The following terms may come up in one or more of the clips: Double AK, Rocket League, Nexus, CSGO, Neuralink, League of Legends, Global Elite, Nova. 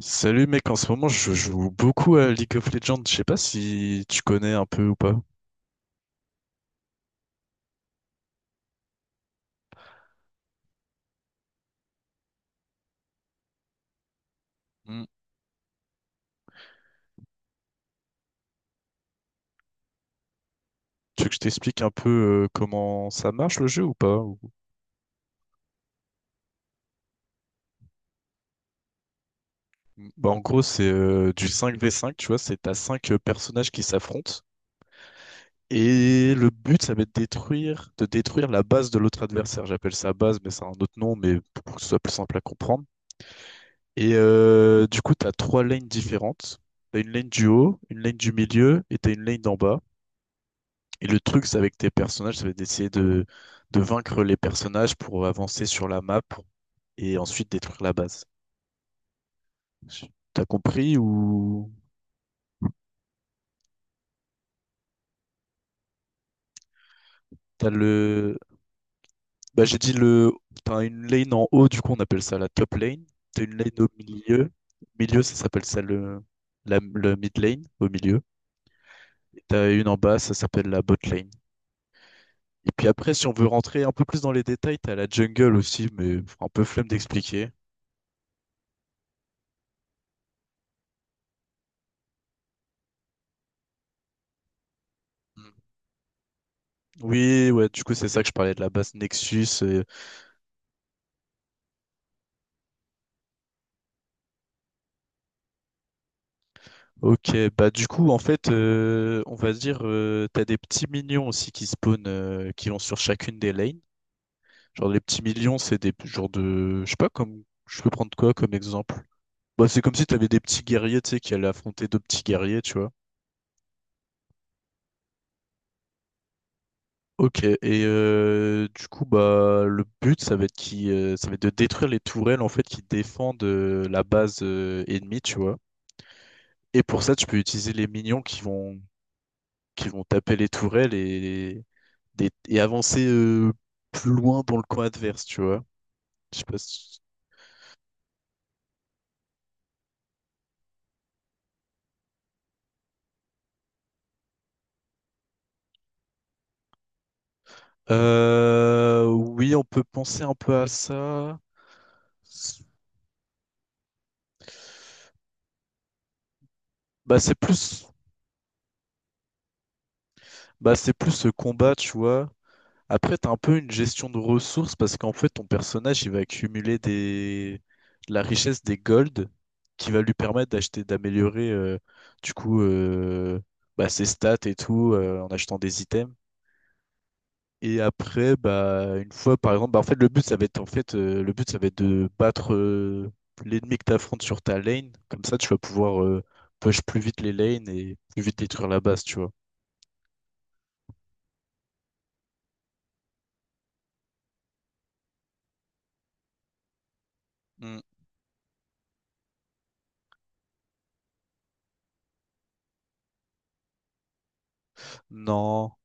Salut mec, en ce moment je joue beaucoup à League of Legends, je sais pas si tu connais un peu ou pas. Mm. Tu veux que je t'explique un peu comment ça marche le jeu ou pas? Bah, en gros c'est du 5v5. Tu vois, c'est t'as 5 personnages qui s'affrontent, et le but ça va être de détruire la base de l'autre adversaire. J'appelle ça base mais c'est un autre nom, mais pour que ce soit plus simple à comprendre. Et du coup, t'as trois lanes différentes. T'as une lane du haut, une lane du milieu et t'as une lane d'en bas. Et le truc, c'est avec tes personnages, ça va être d'essayer de vaincre les personnages pour avancer sur la map et ensuite détruire la base. Je- T'as compris ou t'as le. Bah, j'ai dit le. T'as une lane en haut, du coup on appelle ça la top lane. T'as une lane au milieu. Milieu, ça s'appelle ça le mid lane, au milieu. Et t'as une en bas, ça s'appelle la bot lane. Et puis après, si on veut rentrer un peu plus dans les détails, t'as la jungle aussi, mais un peu flemme d'expliquer. Oui, ouais, du coup, c'est ça que je parlais de la base Nexus. Ok, bah du coup, en fait, on va dire, t'as des petits minions aussi qui spawnent, qui vont sur chacune des lanes. Genre, les petits minions, c'est des genres de, je sais pas, comme, je peux prendre quoi comme exemple? Bah, c'est comme si t'avais des petits guerriers, tu sais, qui allaient affronter deux petits guerriers, tu vois. Ok, et du coup, bah, le but, ça va être de détruire les tourelles, en fait, qui défendent la base ennemie, tu vois. Et pour ça, tu peux utiliser les minions qui vont taper les tourelles et, et avancer plus loin dans le coin adverse, tu vois. Je sais pas si- Oui, on peut penser un peu à ça. Bah, c'est plus ce combat, tu vois. Après, t'as un peu une gestion de ressources parce qu'en fait, ton personnage, il va accumuler de la richesse, des gold, qui va lui permettre d'acheter, d'améliorer, du coup, bah, ses stats et tout, en achetant des items. Et après, bah, une fois, par exemple, bah, en fait, le but, ça va être de battre l'ennemi que t'affrontes sur ta lane. Comme ça, tu vas pouvoir push plus vite les lanes et plus vite détruire la base, tu vois. Mm. Non,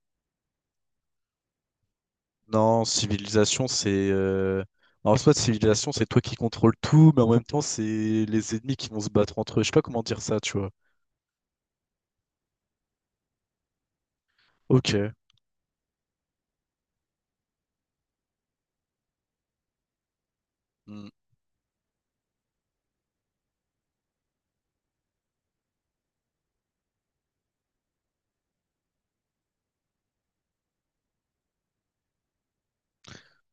non. En soit civilisation, c'est toi qui contrôles tout, mais en même temps, c'est les ennemis qui vont se battre entre eux. Je sais pas comment dire ça, tu vois. Ok. Mm.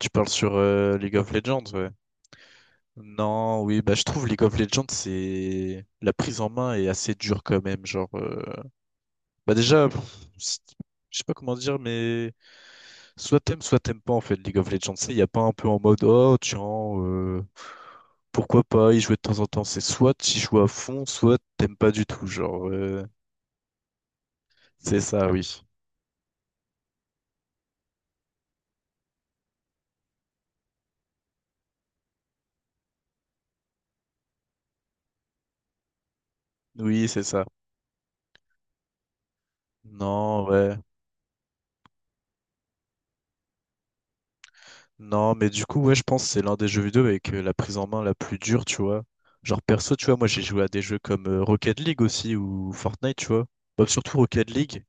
Tu parles sur League of Legends, ouais. Non, oui, bah je trouve League of Legends, c'est la prise en main est assez dure quand même. Genre, bah déjà, pff, je sais pas comment dire, mais soit t'aimes pas en fait League of Legends. Il y a pas un peu en mode oh tiens, euh, pourquoi pas y jouer de temps en temps. C'est soit tu joues à fond, soit t'aimes pas du tout. Genre, c'est ça, oui, oui, c'est ça. Non, ouais. Non, mais du coup, ouais, je pense que c'est l'un des jeux vidéo avec la prise en main la plus dure, tu vois. Genre perso, tu vois, moi j'ai joué à des jeux comme Rocket League aussi ou Fortnite, tu vois. Bah, surtout Rocket League,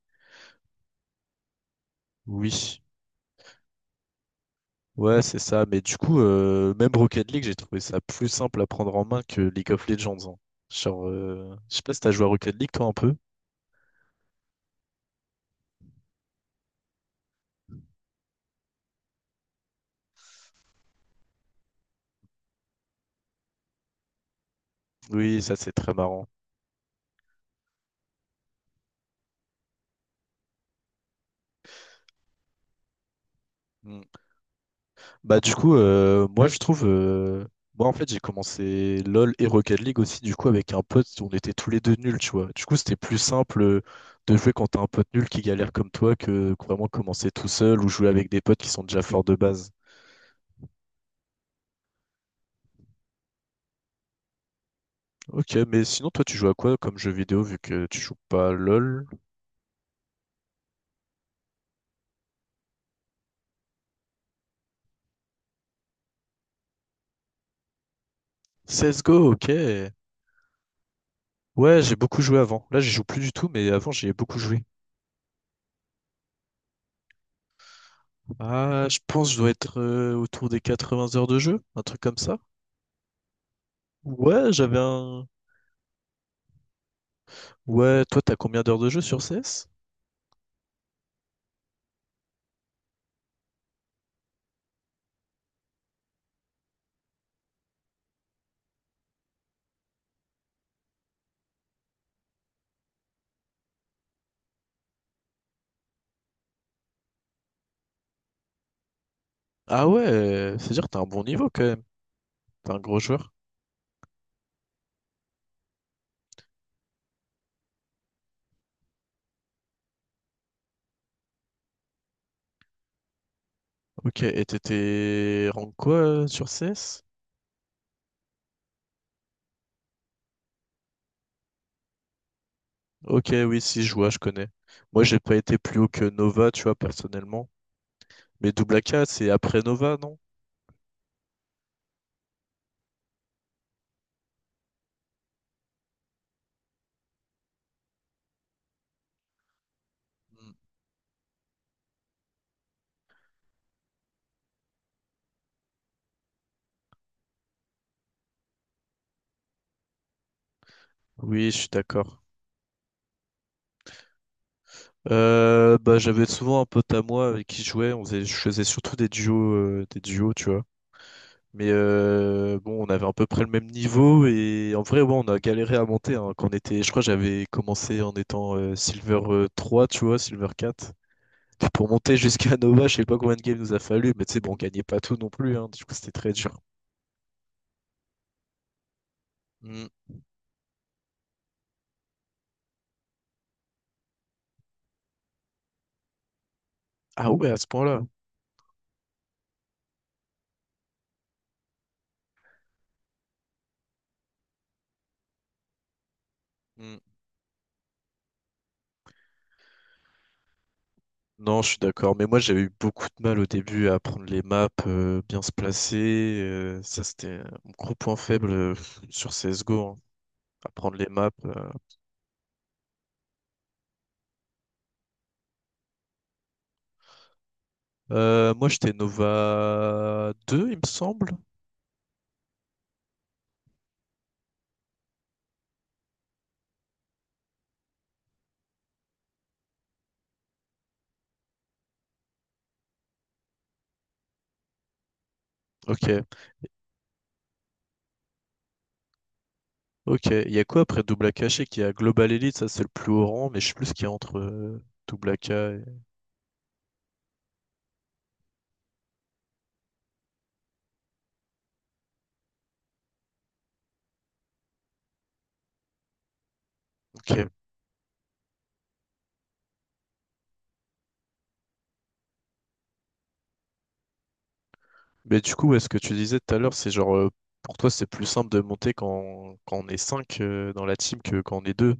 oui. Ouais, c'est ça. Mais du coup, même Rocket League, j'ai trouvé ça plus simple à prendre en main que League of Legends, hein. Genre, je sais pas si t'as joué à Rocket League, toi, un peu. Oui, ça c'est très marrant. Hmm. Bah du coup, moi en fait j'ai commencé LOL et Rocket League aussi du coup avec un pote, on était tous les deux nuls, tu vois. Du coup, c'était plus simple de jouer quand t'as un pote nul qui galère comme toi que vraiment commencer tout seul ou jouer avec des potes qui sont déjà forts de base. Ok, mais sinon toi tu joues à quoi comme jeu vidéo vu que tu joues pas à LOL? CSGO, ok. Ouais, j'ai beaucoup joué avant. Là, j'y joue plus du tout, mais avant, j'y ai beaucoup joué. Ah, je pense que je dois être autour des 80 heures de jeu, un truc comme ça. Ouais, j'avais un, Ouais, toi, t'as combien d'heures de jeu sur CS? Ah ouais, c'est-à-dire que t'as un bon niveau quand même. T'es un gros joueur. Ok, et t'étais rank quoi sur CS? Ok, oui, si, je vois, je connais. Moi, j'ai pas été plus haut que Nova, tu vois, personnellement. Mais Double A AK, c'est après Nova, non? Mm. Oui, je suis d'accord. Bah, j'avais souvent un pote à moi avec qui je jouais, je faisais surtout des des duos, tu vois. Mais bon, on avait à peu près le même niveau et en vrai, ouais, on a galéré à monter, hein, quand on était, je crois, que j'avais commencé en étant Silver 3, tu vois, Silver 4. Puis pour monter jusqu'à Nova, je sais pas combien de games nous a fallu, mais tu sais, bon, on gagnait pas tout non plus, hein, du coup, c'était très dur. Hmm. Ah ouais, à ce point-là. Non, je suis d'accord, mais moi j'avais eu beaucoup de mal au début à prendre les maps, bien se placer. Ça, c'était mon gros point faible sur CSGO, hein, à prendre les maps. Moi j'étais Nova 2, il me semble. Ok, ok. Il y a quoi après Double AK? Je sais qu'il y a Global Elite, ça c'est le plus haut rang, mais je sais plus ce qu'il y a entre Double AK. Ok. Mais du coup, ouais, ce que tu disais tout à l'heure, c'est genre, pour toi c'est plus simple de monter quand on est 5 dans la team que quand on est deux.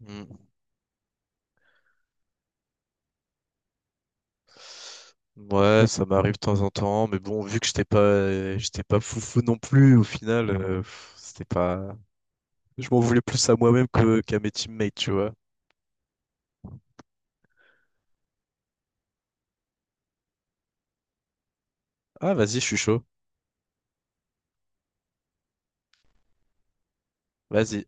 Mm. Ouais, ça m'arrive de temps en temps, mais bon, vu que j'étais pas foufou non plus, au final, pff, c'était pas. Je m'en voulais plus à moi-même que qu'à mes teammates, tu vois. Ah, vas-y, je suis chaud. Vas-y.